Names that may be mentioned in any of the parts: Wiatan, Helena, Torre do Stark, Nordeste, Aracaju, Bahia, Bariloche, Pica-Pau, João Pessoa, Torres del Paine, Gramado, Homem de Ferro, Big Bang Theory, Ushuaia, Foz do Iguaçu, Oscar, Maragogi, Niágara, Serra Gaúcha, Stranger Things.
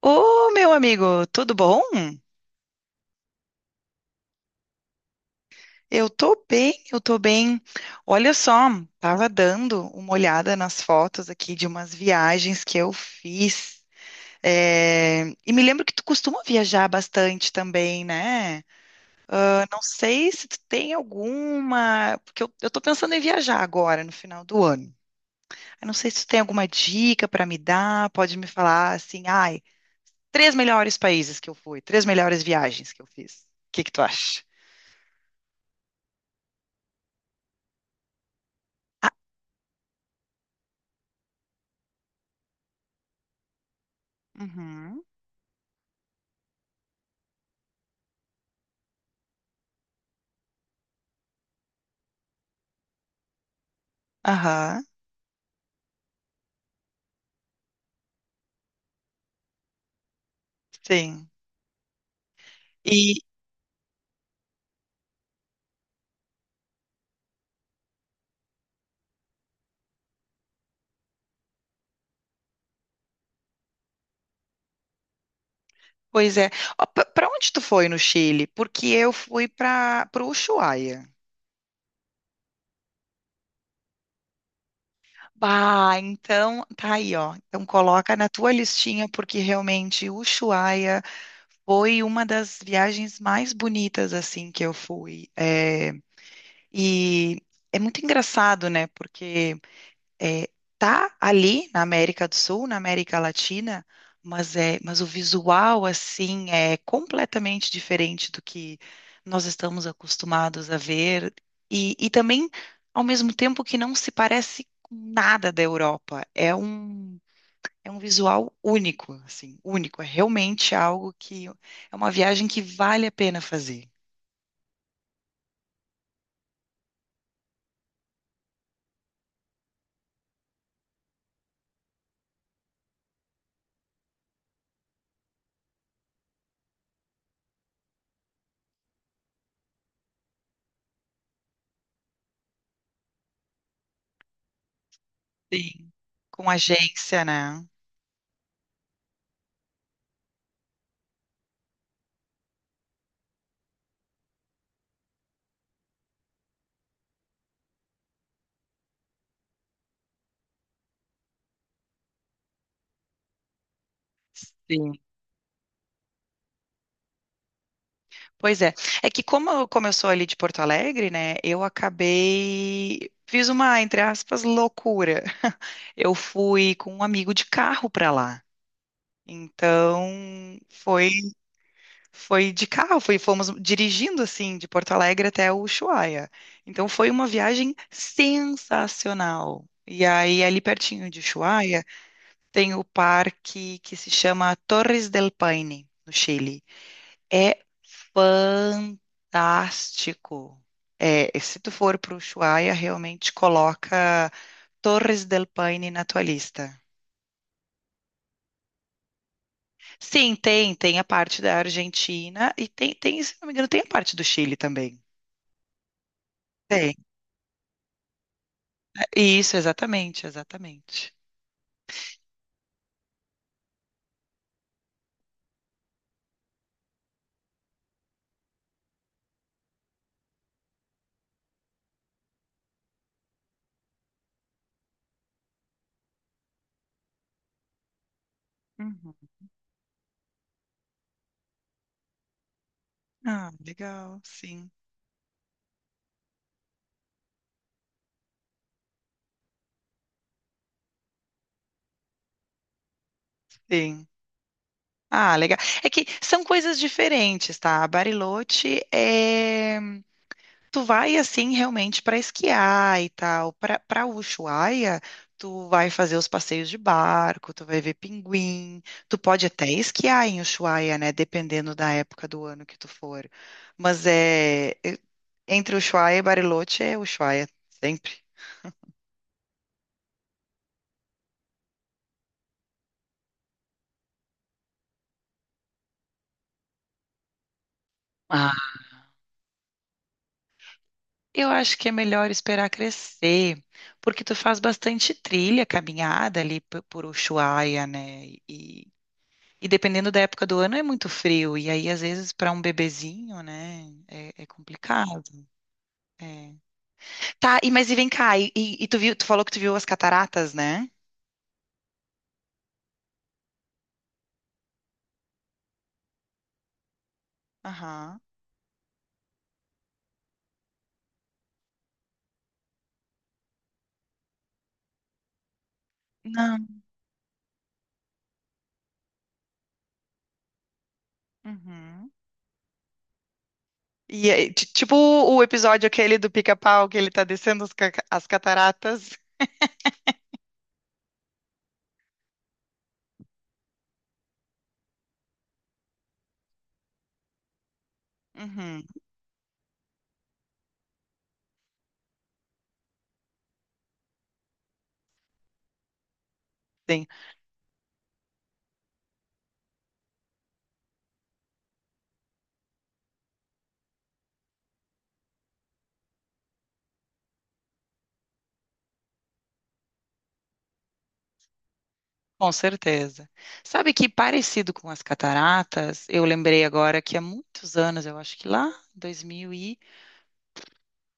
Ô, meu amigo, tudo bom? Eu tô bem, eu tô bem. Olha só, tava dando uma olhada nas fotos aqui de umas viagens que eu fiz. E me lembro que tu costuma viajar bastante também, né? Eu não sei se tu tem alguma, porque eu tô pensando em viajar agora, no final do ano. Eu não sei se tu tem alguma dica pra me dar, pode me falar assim, ai, três melhores países que eu fui, três melhores viagens que eu fiz. O que que tu acha? Uhum. Aham, sim. E, pois é. Para onde tu foi no Chile? Porque eu fui para o Ushuaia. Bah, então tá aí, ó. Então coloca na tua listinha, porque realmente o Ushuaia foi uma das viagens mais bonitas, assim, que eu fui. É, e é muito engraçado, né? Porque é, tá ali na América do Sul, na América Latina, mas é, mas o visual assim é completamente diferente do que nós estamos acostumados a ver e também ao mesmo tempo que não se parece com nada da Europa. É um visual único, assim, único. É realmente algo que é uma viagem que vale a pena fazer. Sim. Com agência, né? Sim. Pois é. É que como eu sou ali de Porto Alegre, né, eu acabei fiz uma, entre aspas, loucura. Eu fui com um amigo de carro para lá. Então, foi de carro, foi, fomos dirigindo assim de Porto Alegre até Ushuaia. Então foi uma viagem sensacional. E aí ali pertinho de Ushuaia tem o parque que se chama Torres del Paine, no Chile. É fantástico. É, e se tu for para o Ushuaia, realmente coloca Torres del Paine na tua lista. Sim, tem, tem a parte da Argentina e tem, tem, se não me engano, tem a parte do Chile também. Tem. Isso, exatamente, exatamente. Uhum. Ah, legal, sim, sim. Ah, legal. É que são coisas diferentes, tá? Bariloche é: tu vai assim realmente para esquiar e tal. Para Ushuaia, tu vai fazer os passeios de barco, tu vai ver pinguim, tu pode até esquiar em Ushuaia, né, dependendo da época do ano que tu for. Mas é é- Entre Ushuaia e Bariloche é Ushuaia sempre. Ah, eu acho que é melhor esperar crescer, porque tu faz bastante trilha, caminhada ali por Ushuaia, né? E dependendo da época do ano é muito frio, e aí às vezes para um bebezinho, né, é complicado. É. Tá, e mas e vem cá, e tu viu, tu falou que tu viu as cataratas, né? Aham. Não. Uhum. E é, tipo o episódio aquele do Pica-Pau que ele tá descendo as cataratas. Uhum. Sim, com certeza. Sabe que parecido com as cataratas, eu lembrei agora que há muitos anos, eu acho que lá, 2000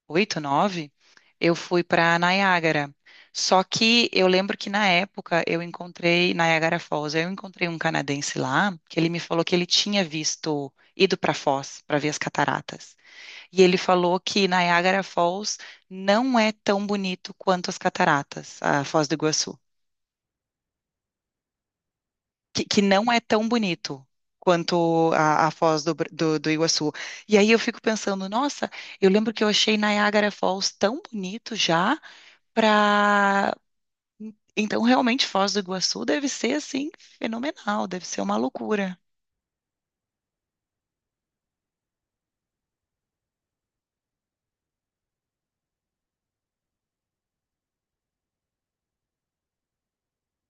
oito, nove, eu fui para Niágara. Só que eu lembro que na época eu encontrei Niágara Falls, eu encontrei um canadense lá que ele me falou que ele tinha visto, ido para Foz para ver as cataratas. E ele falou que Niágara Falls não é tão bonito quanto as cataratas, a Foz do Iguaçu. Que não é tão bonito quanto a Foz do, Br- do do Iguaçu. E aí eu fico pensando, nossa, eu lembro que eu achei Niagara Falls tão bonito já, pra... Então, realmente, Foz do Iguaçu deve ser, assim, fenomenal, deve ser uma loucura.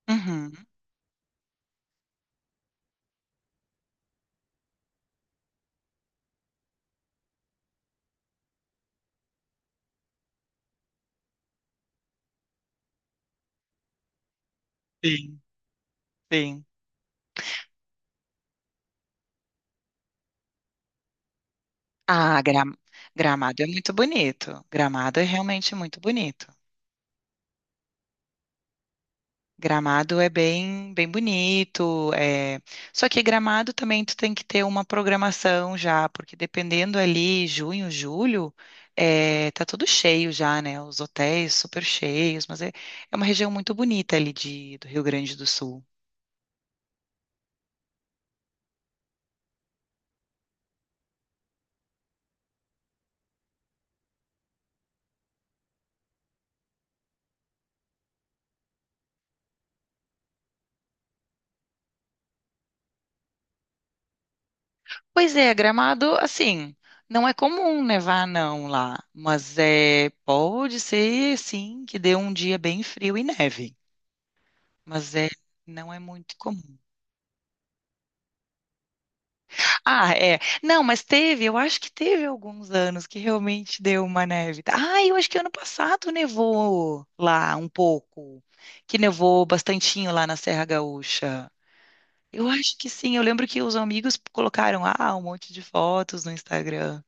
Uhum. Sim, sim. Ah, Gra- Gramado é muito bonito. Gramado é realmente muito bonito. Gramado é bem, bem bonito. Só que Gramado também tu tem que ter uma programação já, porque dependendo ali, junho, julho, é, tá tudo cheio já, né? Os hotéis super cheios, mas é, é uma região muito bonita ali de, do Rio Grande do Sul. Pois é, Gramado, assim, não é comum nevar não lá, mas é pode ser sim que dê um dia bem frio e neve, mas é não é muito comum. Ah, é. Não, mas teve, eu acho que teve alguns anos que realmente deu uma neve. Ah, eu acho que ano passado nevou lá um pouco, que nevou bastantinho lá na Serra Gaúcha. Eu acho que sim, eu lembro que os amigos colocaram ah, um monte de fotos no Instagram.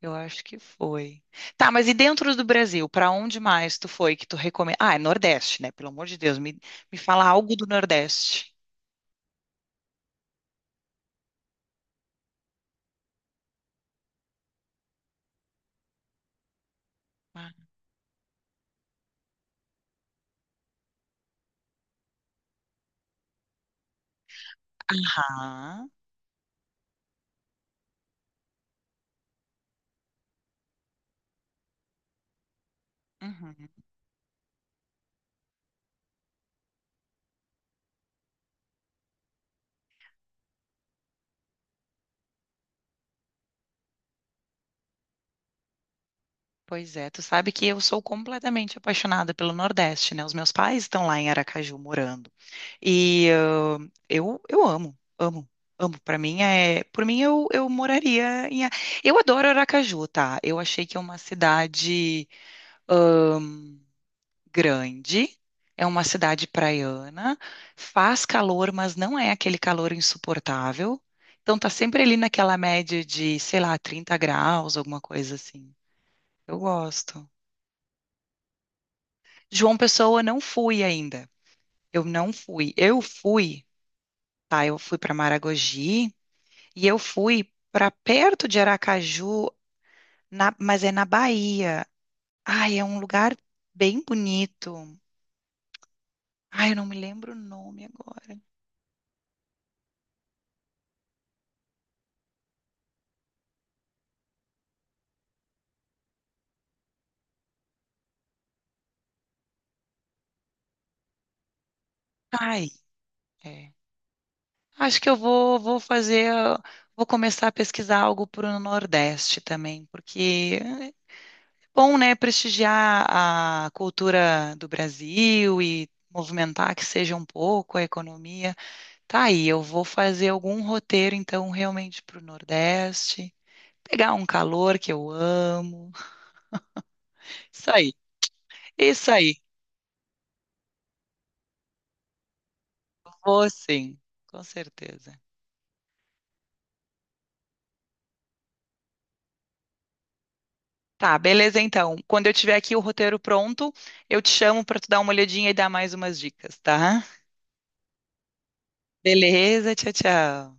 Eu acho que foi. Tá, mas e dentro do Brasil, para onde mais tu foi que tu recomenda? Ah, é Nordeste, né? Pelo amor de Deus, me fala algo do Nordeste. Ah, uhum. Pois é, tu sabe que eu sou completamente apaixonada pelo Nordeste, né? Os meus pais estão lá em Aracaju morando. E ah, eu amo, amo, amo. Para mim é, por mim eu moraria em, eu adoro Aracaju, tá? Eu achei que é uma cidade grande, é uma cidade praiana, faz calor, mas não é aquele calor insuportável. Então tá sempre ali naquela média de, sei lá, 30 graus, alguma coisa assim. Eu gosto. João Pessoa não fui ainda. Eu não fui. Eu fui, tá? Eu fui para Maragogi e eu fui para perto de Aracaju, mas é na Bahia. Ai, é um lugar bem bonito. Ai, eu não me lembro o nome agora. Ai, é. Acho que eu vou fazer, vou começar a pesquisar algo para o Nordeste também, porque é bom, né, prestigiar a cultura do Brasil e movimentar que seja um pouco a economia. Tá aí, eu vou fazer algum roteiro, então, realmente para o Nordeste, pegar um calor que eu amo. Isso aí, isso aí. Vou sim, com certeza. Tá, beleza então. Quando eu tiver aqui o roteiro pronto, eu te chamo para tu dar uma olhadinha e dar mais umas dicas, tá? Beleza, tchau, tchau.